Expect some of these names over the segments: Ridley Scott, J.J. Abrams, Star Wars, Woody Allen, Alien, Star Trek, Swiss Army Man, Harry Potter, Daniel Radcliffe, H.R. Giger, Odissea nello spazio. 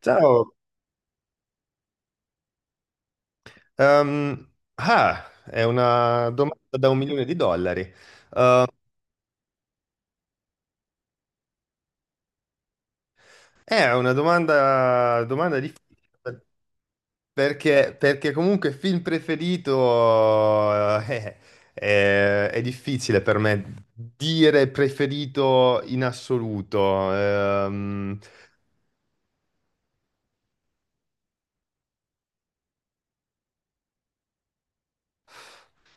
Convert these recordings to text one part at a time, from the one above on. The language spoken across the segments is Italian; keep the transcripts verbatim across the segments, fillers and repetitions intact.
Ciao. Ehm, ah, è una domanda da un milione di dollari. Eh, è una domanda, domanda difficile perché, perché comunque film preferito eh, eh, è, è difficile per me dire preferito in assoluto. Ehm,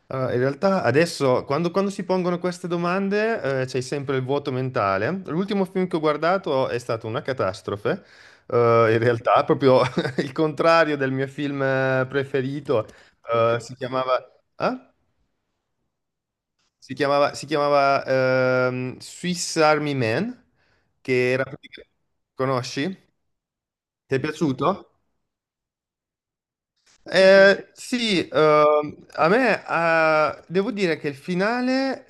Allora, in realtà adesso, quando, quando si pongono queste domande, eh, c'è sempre il vuoto mentale. L'ultimo film che ho guardato è stato una catastrofe. Eh, in realtà, proprio il contrario del mio film eh, preferito. Eh, si chiamava, Ah? Si chiamava, si chiamava, ehm, Swiss Army Man, che era... pratica- Conosci? Ti è piaciuto? Eh, sì, ehm, a me eh, devo dire che il finale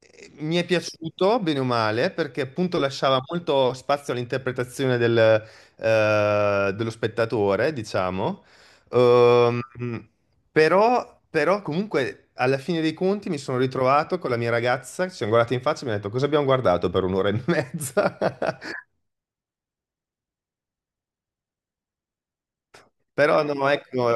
eh, mi è piaciuto, bene o male, perché appunto lasciava molto spazio all'interpretazione del, eh, dello spettatore, diciamo. Ehm, però, però comunque alla fine dei conti mi sono ritrovato con la mia ragazza, ci siamo guardati in faccia e mi ha detto cosa abbiamo guardato per un'ora e mezza. Però no, ecco.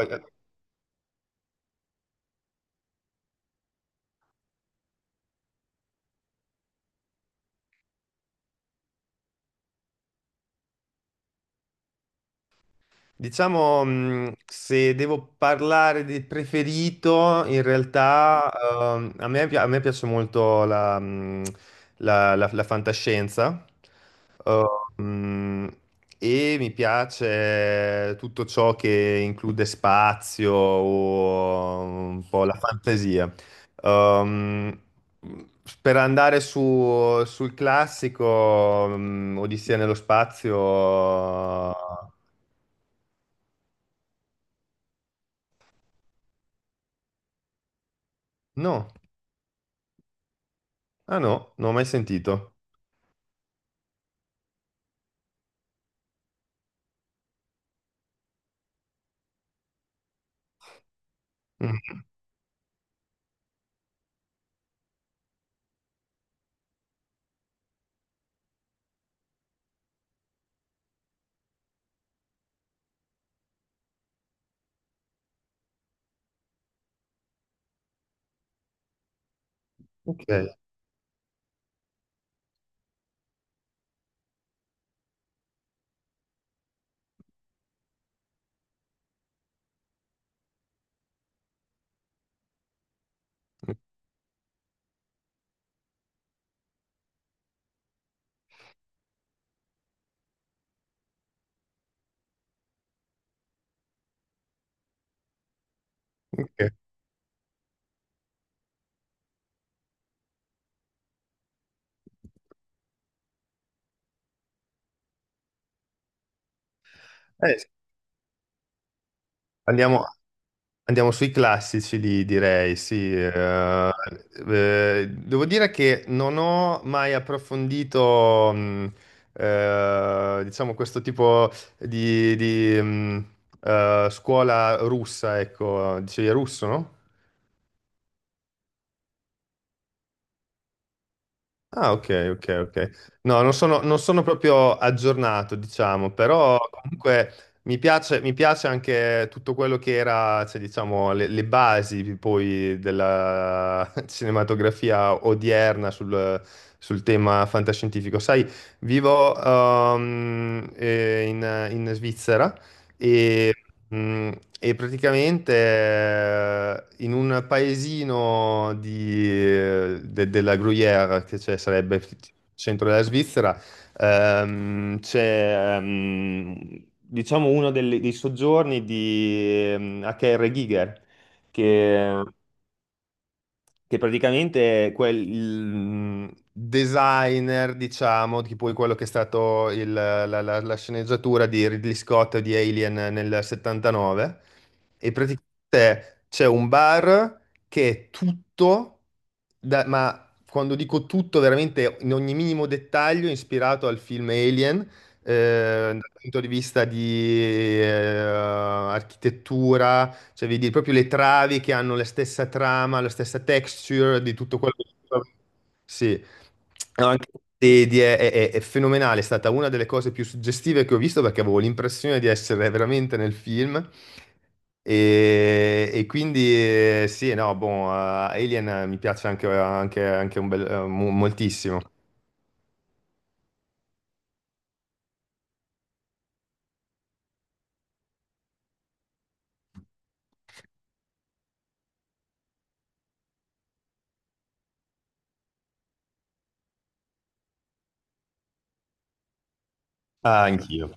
Diciamo, mh, se devo parlare del preferito, in realtà ehm, a me, pi- a me piace molto la, mh, la- la- la fantascienza eh, mh, e mi piace tutto ciò che include spazio o un po' la fantasia. Ehm, per andare su- sul classico, mh, Odissea nello spazio. No. Ah no, non ho mai sentito. Mm. Ok, ok. Eh, sì, andiamo, andiamo sui classici, li direi, sì. eh, eh, devo dire che non ho mai approfondito, mh, eh, diciamo, questo tipo di, di, mh, eh, scuola russa, ecco, dicevi russo, no? Ah, ok, ok, ok. No, non sono, non sono proprio aggiornato, diciamo, però comunque mi piace, mi piace anche tutto quello che era, cioè, diciamo, le, le basi poi della cinematografia odierna sul, sul tema fantascientifico. Sai, vivo ehm, eh, in, in Svizzera e, mh, e praticamente eh, in un paesino di, eh, de- della Gruyère, che c'è- sarebbe il centro della Svizzera. Ehm, c'è ehm, diciamo uno delle- dei soggiorni di ehm, H R. Giger, che che praticamente è quel il- Designer, diciamo, tipo quello che è stato il- la, la- la sceneggiatura di Ridley Scott di Alien nel settantanove. E praticamente c'è un bar che è tutto, da- ma quando dico tutto, veramente in ogni minimo dettaglio, ispirato al film Alien, eh, dal punto di vista di eh, architettura, cioè, vedi proprio le travi che hanno la stessa trama, la stessa texture di tutto quello che... Sì. No, anche di- di- è, è- è fenomenale, è stata una delle cose più suggestive che ho visto perché avevo l'impressione di essere veramente nel film. E, e quindi eh, sì, no, boh. Eh, Alien eh, mi piace anche, anche- anche un bel, eh, mo- moltissimo. Ah, anch'io.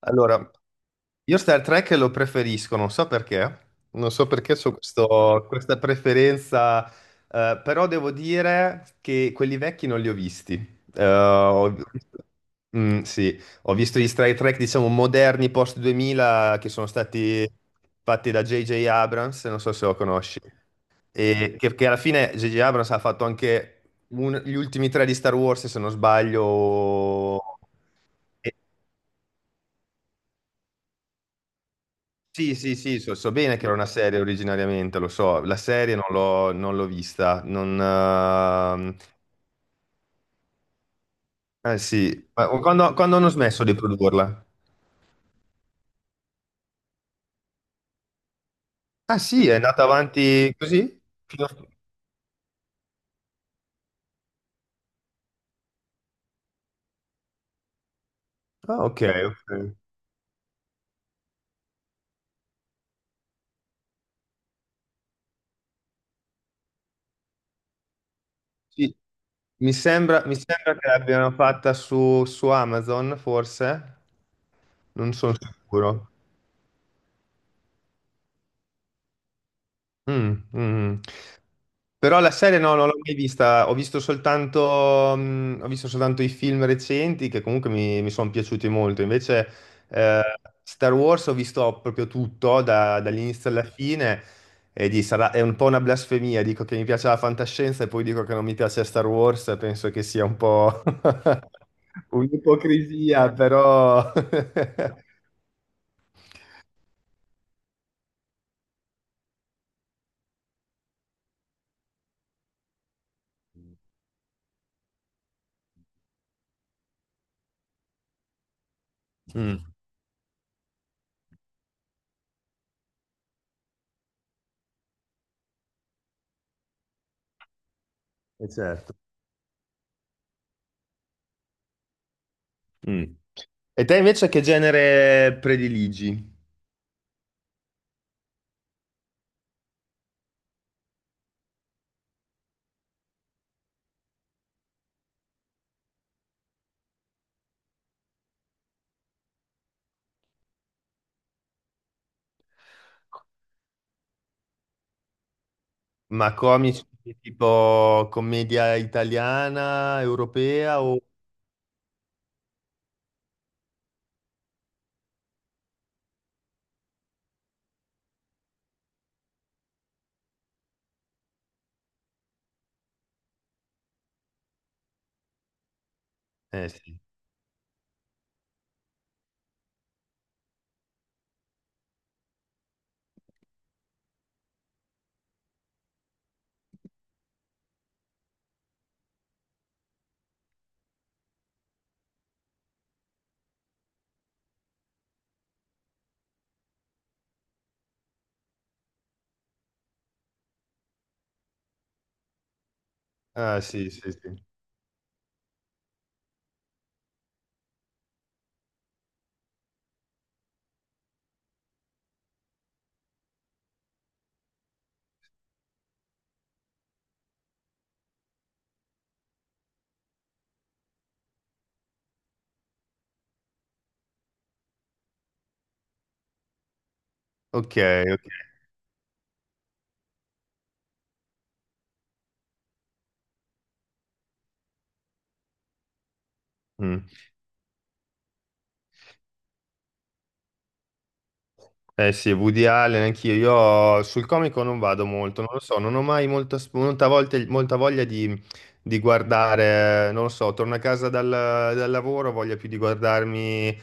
Allora, io Star Trek lo preferisco, non so perché, non so perché ho questo- questa preferenza, eh, però devo dire che quelli vecchi non li ho visti. Eh, ho visto- Mm, sì, ho visto gli Star Trek, diciamo, moderni post duemila che sono stati fatti da J J. Abrams, non so se lo conosci, e che, che alla fine J J. Abrams ha fatto anche un- gli ultimi tre di Star Wars, se non sbaglio. Sì, sì, sì, so, so bene che era una serie originariamente, lo so, la serie non l'ho non l'ho vista, non. ehm, eh sì, ma quando, quando hanno smesso di produrla? Ah sì, è andata avanti così? Fino a- Ah, ok, ok. Sì. Mi sembra, mi sembra che l'abbiano fatta su, su Amazon, forse, non sono sicuro. Mm, mm. Mm. Però la serie no, non l'ho mai vista, ho visto soltanto, mh, ho visto soltanto i film recenti che comunque mi, mi sono piaciuti molto. Invece eh, Star Wars ho visto proprio tutto, da- dall'inizio alla fine, e di- sarà- è un po' una blasfemia, dico che mi piace la fantascienza e poi dico che non mi piace Star Wars, penso che sia un po' un'ipocrisia, però. Mm, è certo. Mm. E te invece che genere prediligi? Ma comici tipo commedia italiana, europea o... Eh sì. Ah sì, sì, sì. Ok, ok. Mm. Eh sì, Woody Allen, anch'io. Io sul comico non vado molto, non lo so, non ho mai molta, sp- molta volta- molta voglia di, di guardare, non lo so, torno a casa dal, dal lavoro, ho voglia più di guardarmi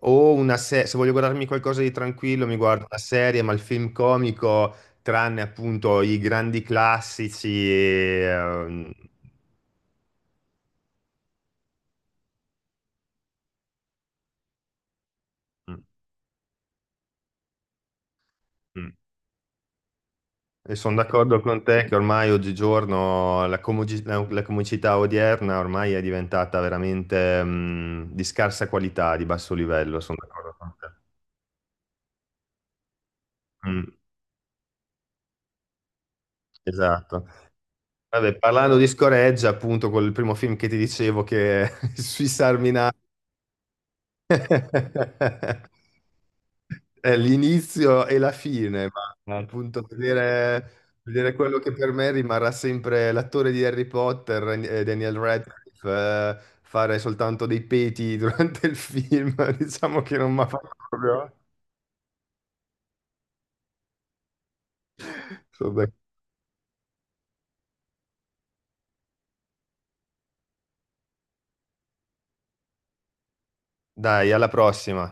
o una serie, se voglio guardarmi qualcosa di tranquillo mi guardo una serie, ma il film comico, tranne appunto i grandi classici. eh, mm, mm. E sono d'accordo con te che ormai oggigiorno la, comugi- la- la comicità odierna ormai è diventata veramente mh, di scarsa qualità, di basso livello, sono d'accordo con te. Mm, esatto. Vabbè, parlando di scoreggia, appunto, col primo film che ti dicevo che sui Sarminati è l'inizio e la fine, ma appunto vedere, vedere quello che per me rimarrà sempre l'attore di Harry Potter, eh, Daniel Radcliffe, eh, fare soltanto dei peti durante il film, diciamo che non mi ha fatto proprio. Vabbè. Dai, alla prossima.